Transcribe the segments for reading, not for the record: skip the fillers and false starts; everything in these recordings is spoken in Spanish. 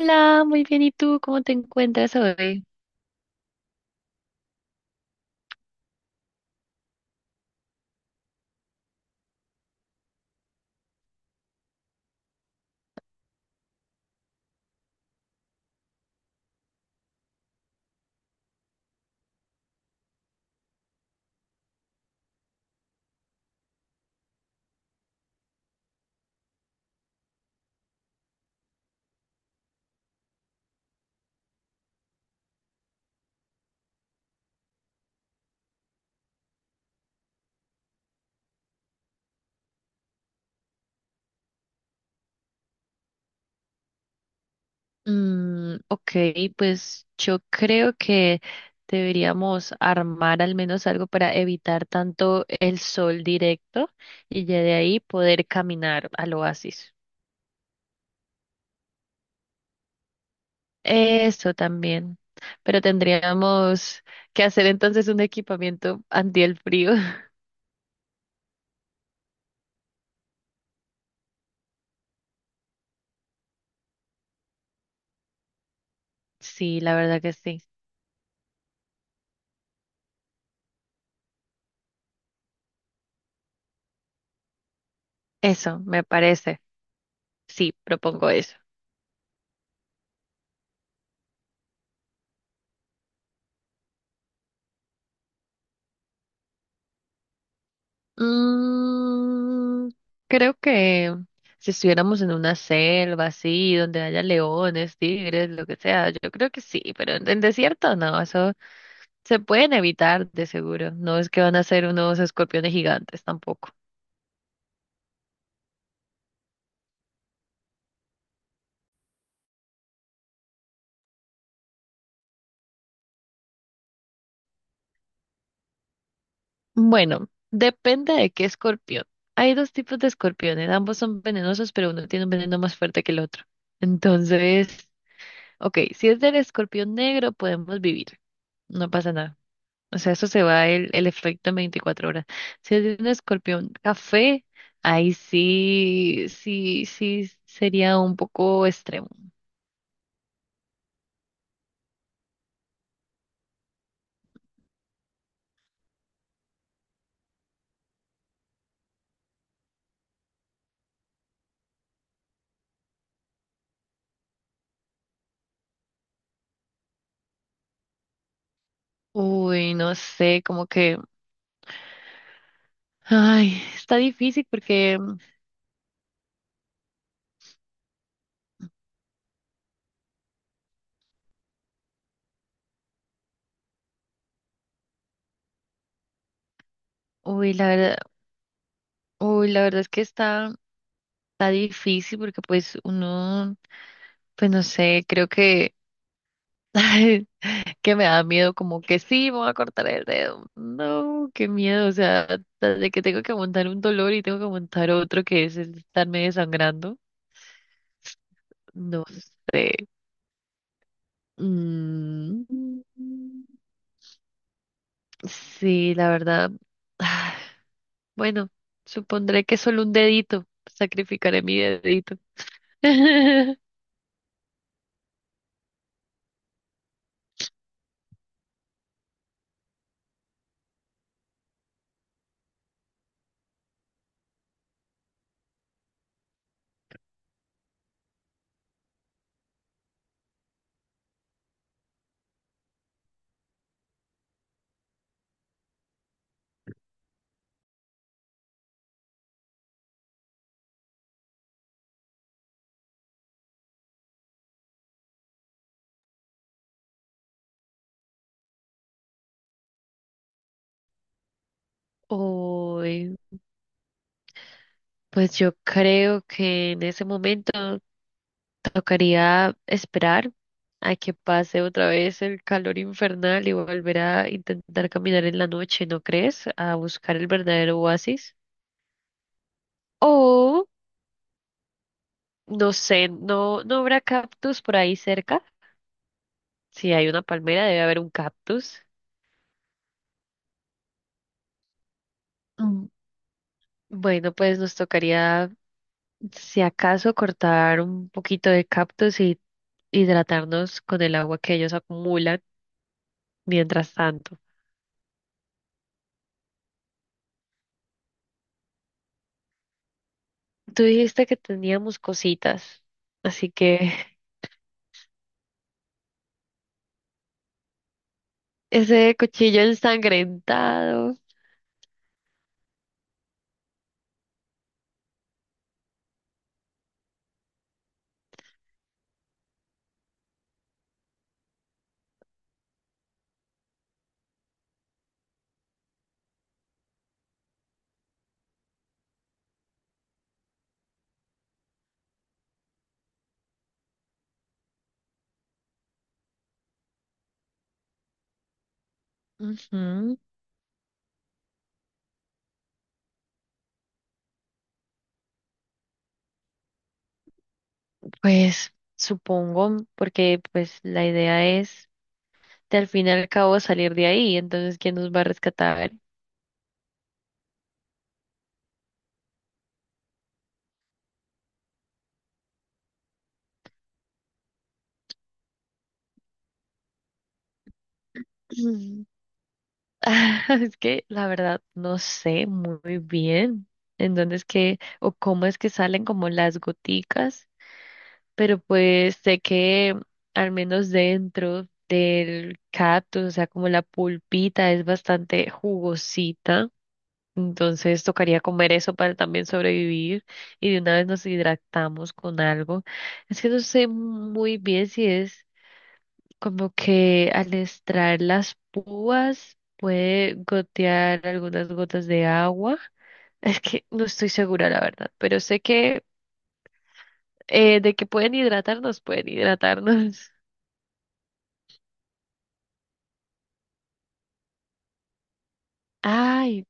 Hola, muy bien. ¿Y tú cómo te encuentras hoy? Mm, ok, pues yo creo que deberíamos armar al menos algo para evitar tanto el sol directo y ya de ahí poder caminar al oasis. Eso también. Pero tendríamos que hacer entonces un equipamiento anti el frío. Sí, la verdad que sí. Eso, me parece. Sí, propongo eso. Mm, creo que si estuviéramos en una selva así, donde haya leones, tigres, lo que sea, yo creo que sí, pero en desierto no, eso se pueden evitar de seguro. No es que van a ser unos escorpiones gigantes tampoco. Bueno, depende de qué escorpión. Hay dos tipos de escorpiones, ambos son venenosos, pero uno tiene un veneno más fuerte que el otro. Entonces, ok, si es del escorpión negro, podemos vivir, no pasa nada. O sea, eso se va el efecto en 24 horas. Si es de un escorpión café, ahí sí, sí, sí sería un poco extremo. Uy, no sé, como que, ay, está difícil porque, uy, la verdad, uy, la verdad es que está, está difícil porque pues uno, pues no sé, creo que que me da miedo, como que sí, me voy a cortar el dedo. No, qué miedo, o sea, de que tengo que montar un dolor y tengo que montar otro que es el estarme desangrando. No sé. Mm, sí, la verdad. Bueno, supondré que solo un dedito. Sacrificaré mi dedito. Uy, pues yo creo que en ese momento tocaría esperar a que pase otra vez el calor infernal y volver a intentar caminar en la noche, ¿no crees? A buscar el verdadero oasis. O, no sé, ¿no, no habrá cactus por ahí cerca? Si hay una palmera, debe haber un cactus. Mm, bueno, pues nos tocaría, si acaso, cortar un poquito de cactus y hidratarnos con el agua que ellos acumulan mientras tanto. Tú dijiste que teníamos cositas, así que... Ese cuchillo ensangrentado. Ujú, pues supongo, porque pues la idea es de al fin y al cabo salir de ahí, entonces ¿quién nos va a rescatar? Mm. Es que la verdad no sé muy bien en dónde es que o cómo es que salen como las goticas, pero pues sé que al menos dentro del cactus, o sea, como la pulpita es bastante jugosita. Entonces tocaría comer eso para también sobrevivir y de una vez nos hidratamos con algo. Es que no sé muy bien si es como que al extraer las púas puede gotear algunas gotas de agua. Es que no estoy segura la verdad, pero sé que de que pueden hidratarnos, pueden hidratarnos. Ay,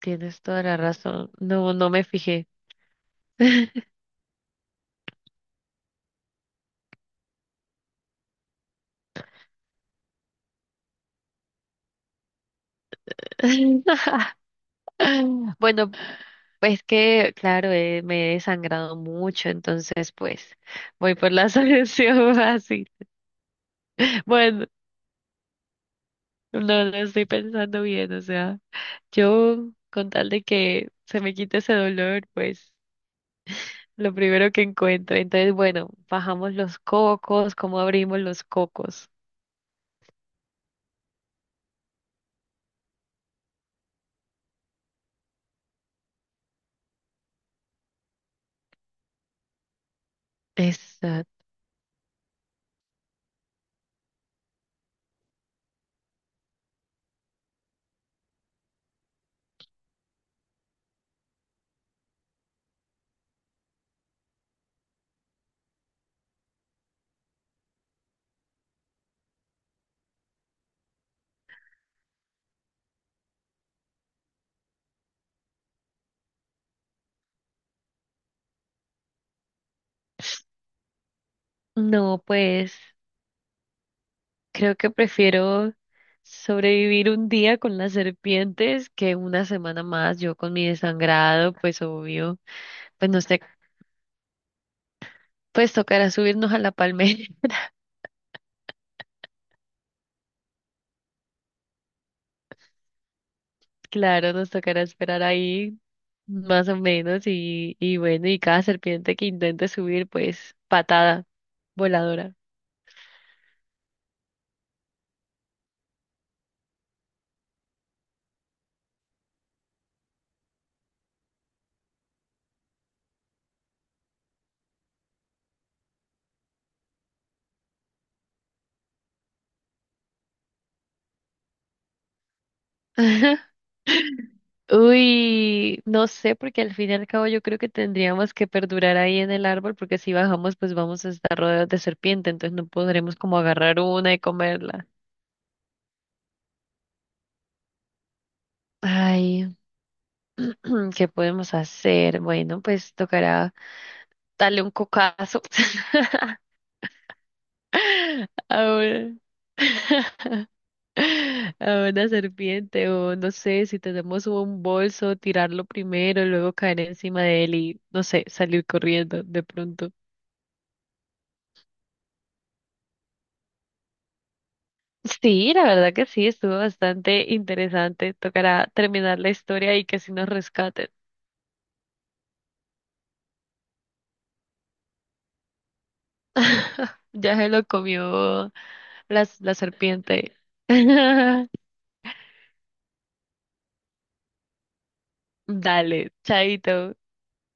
tienes toda la razón. No, no me fijé. Bueno, pues que, claro, me he desangrado mucho, entonces pues voy por la solución fácil. Bueno, no lo estoy pensando bien, o sea, yo con tal de que se me quite ese dolor, pues lo primero que encuentre. Entonces, bueno, bajamos los cocos, ¿cómo abrimos los cocos? Exacto. No, pues creo que prefiero sobrevivir un día con las serpientes que una semana más yo con mi desangrado, pues obvio. Pues nos te- pues tocará subirnos a la palmera. Claro, nos tocará esperar ahí más o menos y bueno, y cada serpiente que intente subir, pues patada voladora. Uy, no sé, porque al fin y al cabo yo creo que tendríamos que perdurar ahí en el árbol, porque si bajamos, pues vamos a estar rodeados de serpiente, entonces no podremos como agarrar una y comerla. Ay, ¿qué podemos hacer? Bueno, pues tocará darle un cocazo ahora. A una serpiente o no sé, si tenemos un bolso, tirarlo primero, luego caer encima de él y no sé, salir corriendo de pronto. Sí, la verdad que sí, estuvo bastante interesante. Tocará terminar la historia y que sí nos rescaten. Ya se lo comió la serpiente. Dale, chaito.